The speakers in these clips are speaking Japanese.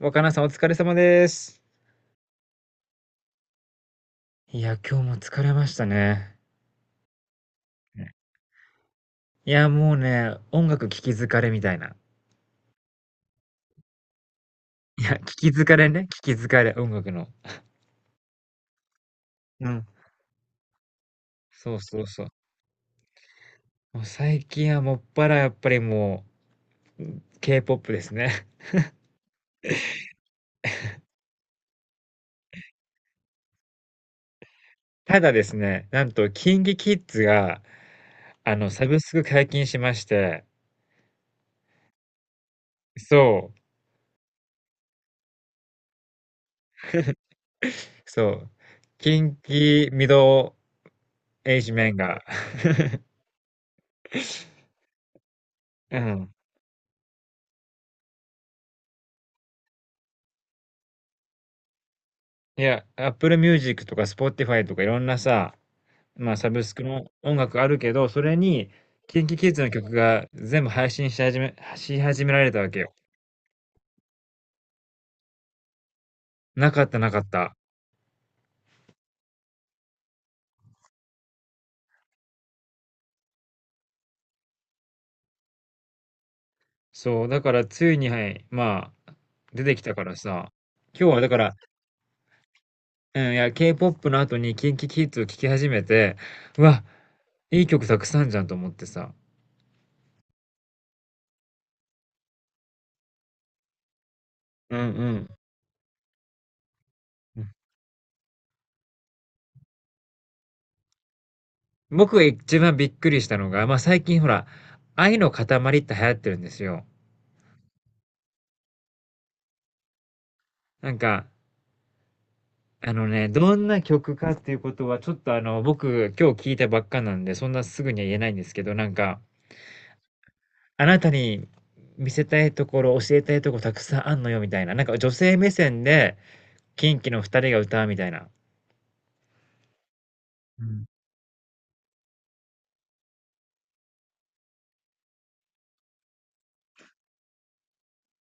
若菜さんお疲れ様です。いや、今日も疲れましたね。ね。いや、もうね、音楽聴き疲れみたいな。いや、聴き疲れね、聴き疲れ、音楽の。うん。そうそうそう。もう最近はもっぱらやっぱりもう K-POP ですね。ただですね、なんとキンキキッズが、サブスク解禁しまして、そう、そう、キンキミドルエイジメンが、うん。いや、Apple Music とか Spotify とかいろんなさ、まあ、サブスクの音楽あるけど、それに、キンキキッズの曲が全部配信し始められたわけよ。なかったなかった。そう、だから、ついに、はい、まあ、出てきたからさ、今日はだから、うん、いや、K-POP の後にキンキキッズを聴き始めて、うわ、いい曲たくさんじゃんと思ってさ。うんうん。うん、僕が一番びっくりしたのが、まあ最近ほら、愛の塊って流行ってるんですよ。なんか、どんな曲かっていうことは、ちょっと、僕、今日聞いたばっかなんで、そんなすぐには言えないんですけど、なんか、あなたに見せたいところ、教えたいところたくさんあんのよ、みたいな。なんか女性目線で、キンキの二人が歌うみたいな。うん。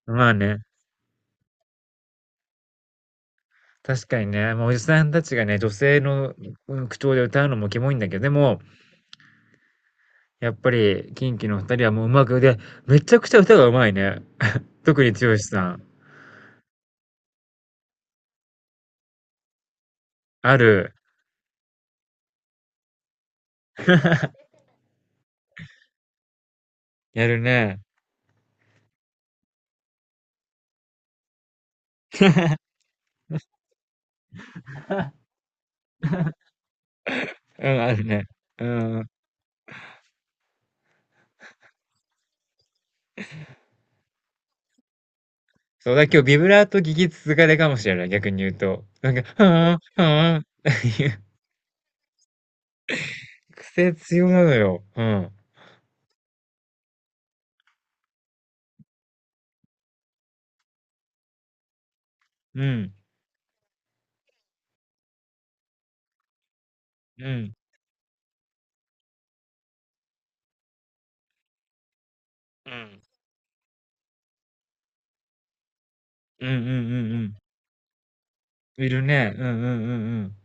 まあね、確かにね、もうおじさんたちがね、女性のうん口調で歌うのもキモいんだけど、でも、やっぱり、キンキの二人はもううまく、で、めちゃくちゃ歌がうまいね。特に剛さん。ある。やるね。うん、あるね。うん。そう、だ今日ビブラート聞き続かれかもしれない、逆に言うと。なんか、はぁ、はぁ、っていう癖強なのよ。うん。うん。うん。うん。うんうんうんうん。いるね。うんうんうんうん。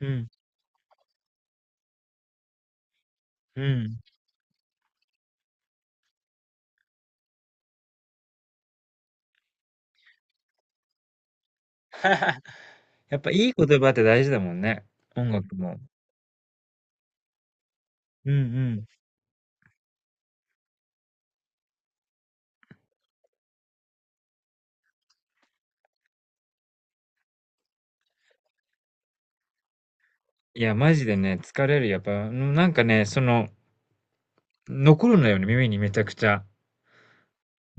うん。うん。やっぱいい言葉って大事だもんね。音楽も。うんうん。いや、マジでね、疲れる。やっぱ、なんかね、その、残るのよね、耳にめちゃくちゃ。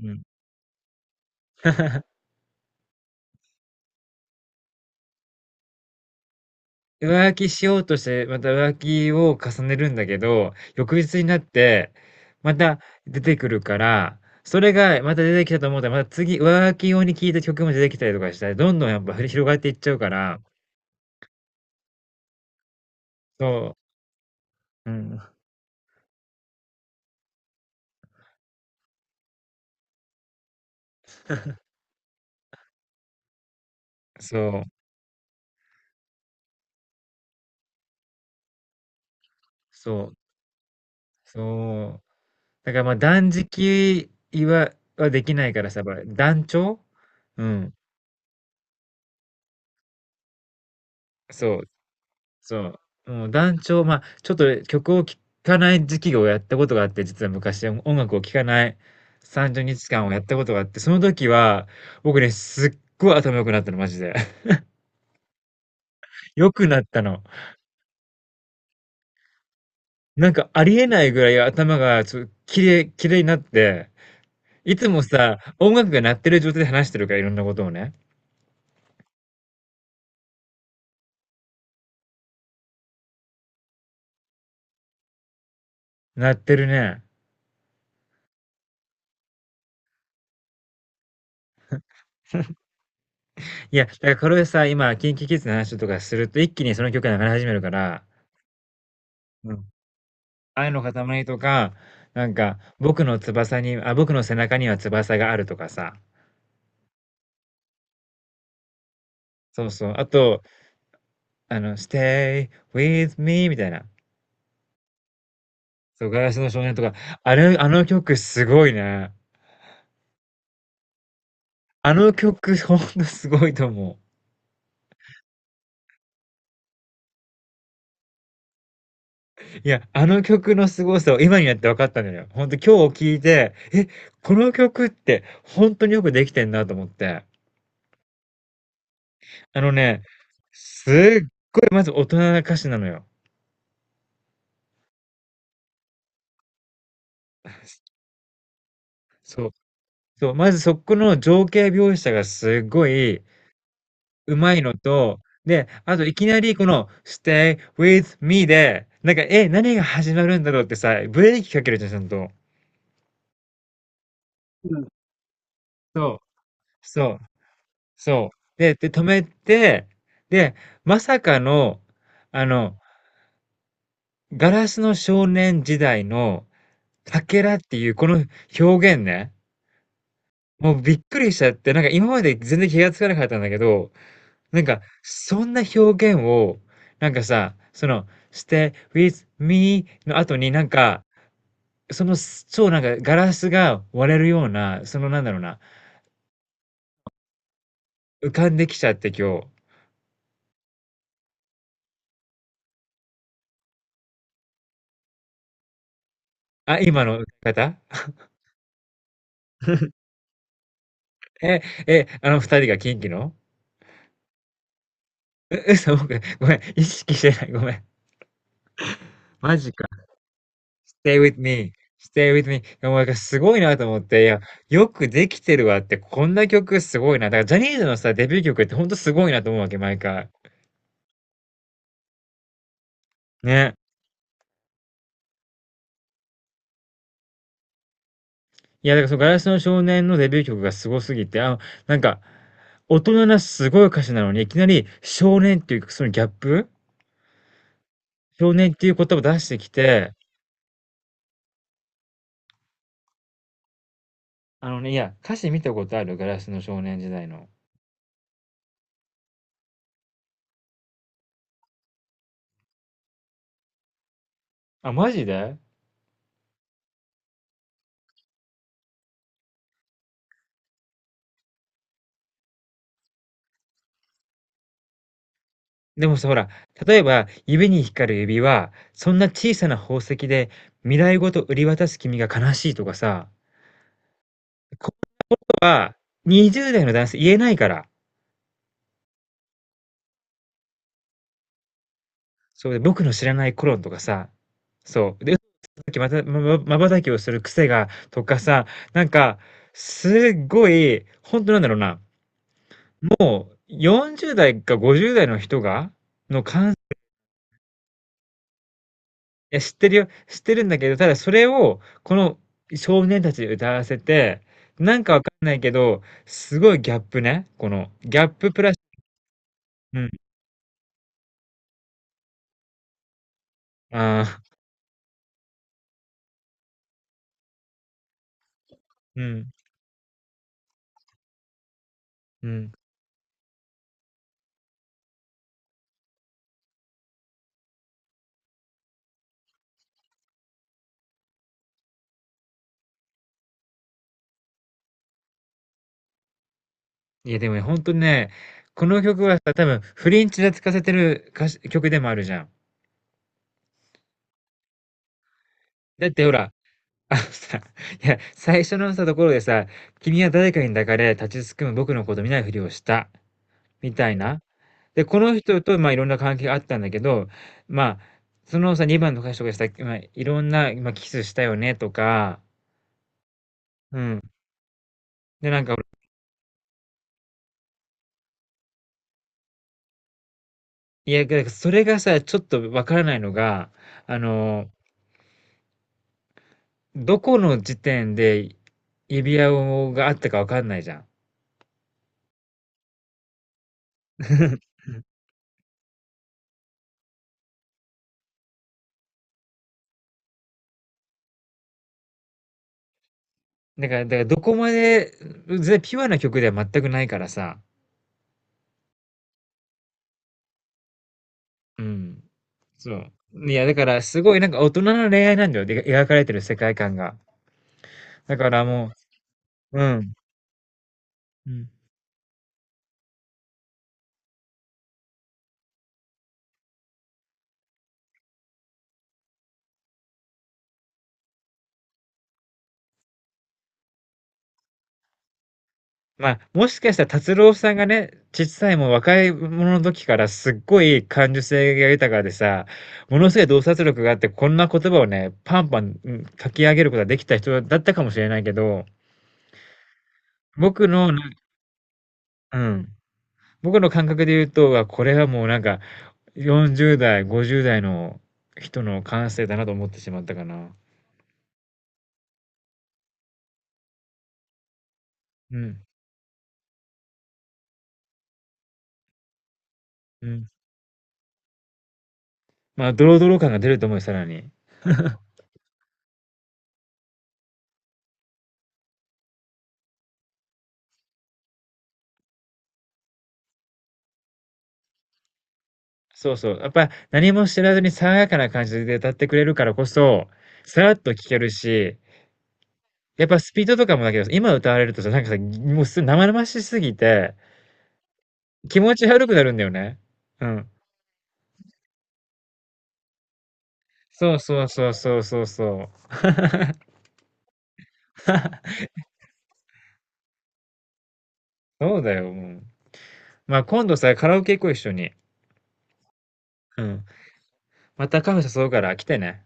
うん。浮気しようとして、また浮気を重ねるんだけど、翌日になって、また出てくるから、それがまた出てきたと思ったら、また次、浮気用に聴いた曲も出てきたりとかしたら、どんどんやっぱふり広がっていっちゃうから、そう、うん、そう、そう、そう。だからまあ断食は、できないからさ、やっぱ断腸うん。そう。そう。もう団長、まあ、ちょっと曲を聴かない時期をやったことがあって、実は昔、音楽を聴かない30日間をやったことがあって、その時は、僕ね、すっごい頭良くなったの、マジで。良くなったの。なんかありえないぐらい頭がちょっときれいになって、いつもさ、音楽が鳴ってる状態で話してるから、いろんなことをね。鳴ってるね。いや、だからこれさ、今、キンキキッズの話とかすると、一気にその曲が流れ始めるから。愛の塊とか、なんか、僕の背中には翼があるとかさ。そうそう。あと、Stay with me みたいな。そう、ガラスの少年とか。あれ、あの曲すごいね。あの曲、ほんとすごいと思う。いや、あの曲のすごさを今になって分かったんだよ。ほんと今日聞いて、え、この曲って本当によくできてんなと思って。あのね、すっごいまず大人な歌詞なのよ。そう。そう、まずそこの情景描写がすごい上手いのと、で、あといきなりこの「Stay with me」で、なんか、え、何が始まるんだろうってさ、ブレーキかけるじゃん、ちゃんと。そう、そう、そう。で、止めて、で、まさかの、あの、ガラスの少年時代のかけらっていうこの表現ね、もうびっくりしちゃって、なんか今まで全然気がつかなかったんだけど、なんか、そんな表現を、なんかさ、その、stay with me の後になんか、その、超なんかガラスが割れるような、そのなんだろうな、浮かんできちゃって今日。あ、今の方、え、え、あの二人がキンキの、 う、嘘、僕、ごめん、意識してない、ごめん。マジか。stay with me, stay with me。 いや、もうなんかすごいなと思って、いや、よくできてるわって、こんな曲すごいな。だからジャニーズのさ、デビュー曲ってほんとすごいなと思うわけ、毎回。ね。いや、だからそのガラスの少年のデビュー曲がすごすぎて、なんか、大人なすごい歌詞なのに、いきなり少年っていうそのギャップ、少年っていう言葉を出してきて、あのね、いや、歌詞見たことある？ガラスの少年時代の。あ、マジで？でもさ、ほら、例えば指に光る指輪、そんな小さな宝石で未来ごと売り渡す君が悲しいとかさ、ここは20代の男性言えないから。そう、で、僕の知らない頃とかさ、そう。で、さっきまた、まままば瞬きをする癖がとかさ、なんか、すっごい、ほんとなんだろうな、40代か50代の人がのかんいや、知ってるよ、知ってるんだけど、ただそれを、この少年たちに歌わせて、なんかわかんないけど、すごいギャップね、この、ギャッププラスうん、ああ、うん、うん。いやでもね、ほんとね、この曲はさ、多分フリンチで使わせてるかし曲でもあるじゃん。だってほら、あのさ、いや、最初のさ、ところでさ、君は誰かに抱かれ、立ちすくむ僕のこと見ないふりをした、みたいな。で、この人と、まあ、いろんな関係があったんだけど、まあ、そのさ、2番の歌手とかした、まあ、いろんな、まあ、キスしたよね、とか、うん。で、なんか、いや、だからそれがさ、ちょっとわからないのが、あの、どこの時点で指輪をがあったかわかんないじゃん。だから、だからどこまで、全然ピュアな曲では全くないからさ、うん。そう。いや、だから、すごいなんか大人の恋愛なんだよ。で、描かれてる世界観が。だからもう、うん、うん。まあ、もしかしたら達郎さんがね、ちっさいもう若い者の時からすっごい感受性が豊かでさ、ものすごい洞察力があって、こんな言葉をね、パンパン、うん、書き上げることができた人だったかもしれないけど、僕の、な、うん、僕の感覚で言うと、あ、これはもうなんか、40代、50代の人の感性だなと思ってしまったかな。うん、うん。まあ、ドロドロ感が出ると思うよ、さらに。そうそう。やっぱ、何も知らずに爽やかな感じで歌ってくれるからこそ、さらっと聴けるし、やっぱスピードとかもだけど、今歌われるとさ、なんかさ、もうす生々しすぎて、気持ち悪くなるんだよね。うん。そうそうそうそうそうそう。そうだよ、もう。まあ、今度さ、カラオケ行こう、一緒に。うん。またカフェ誘うから来てね。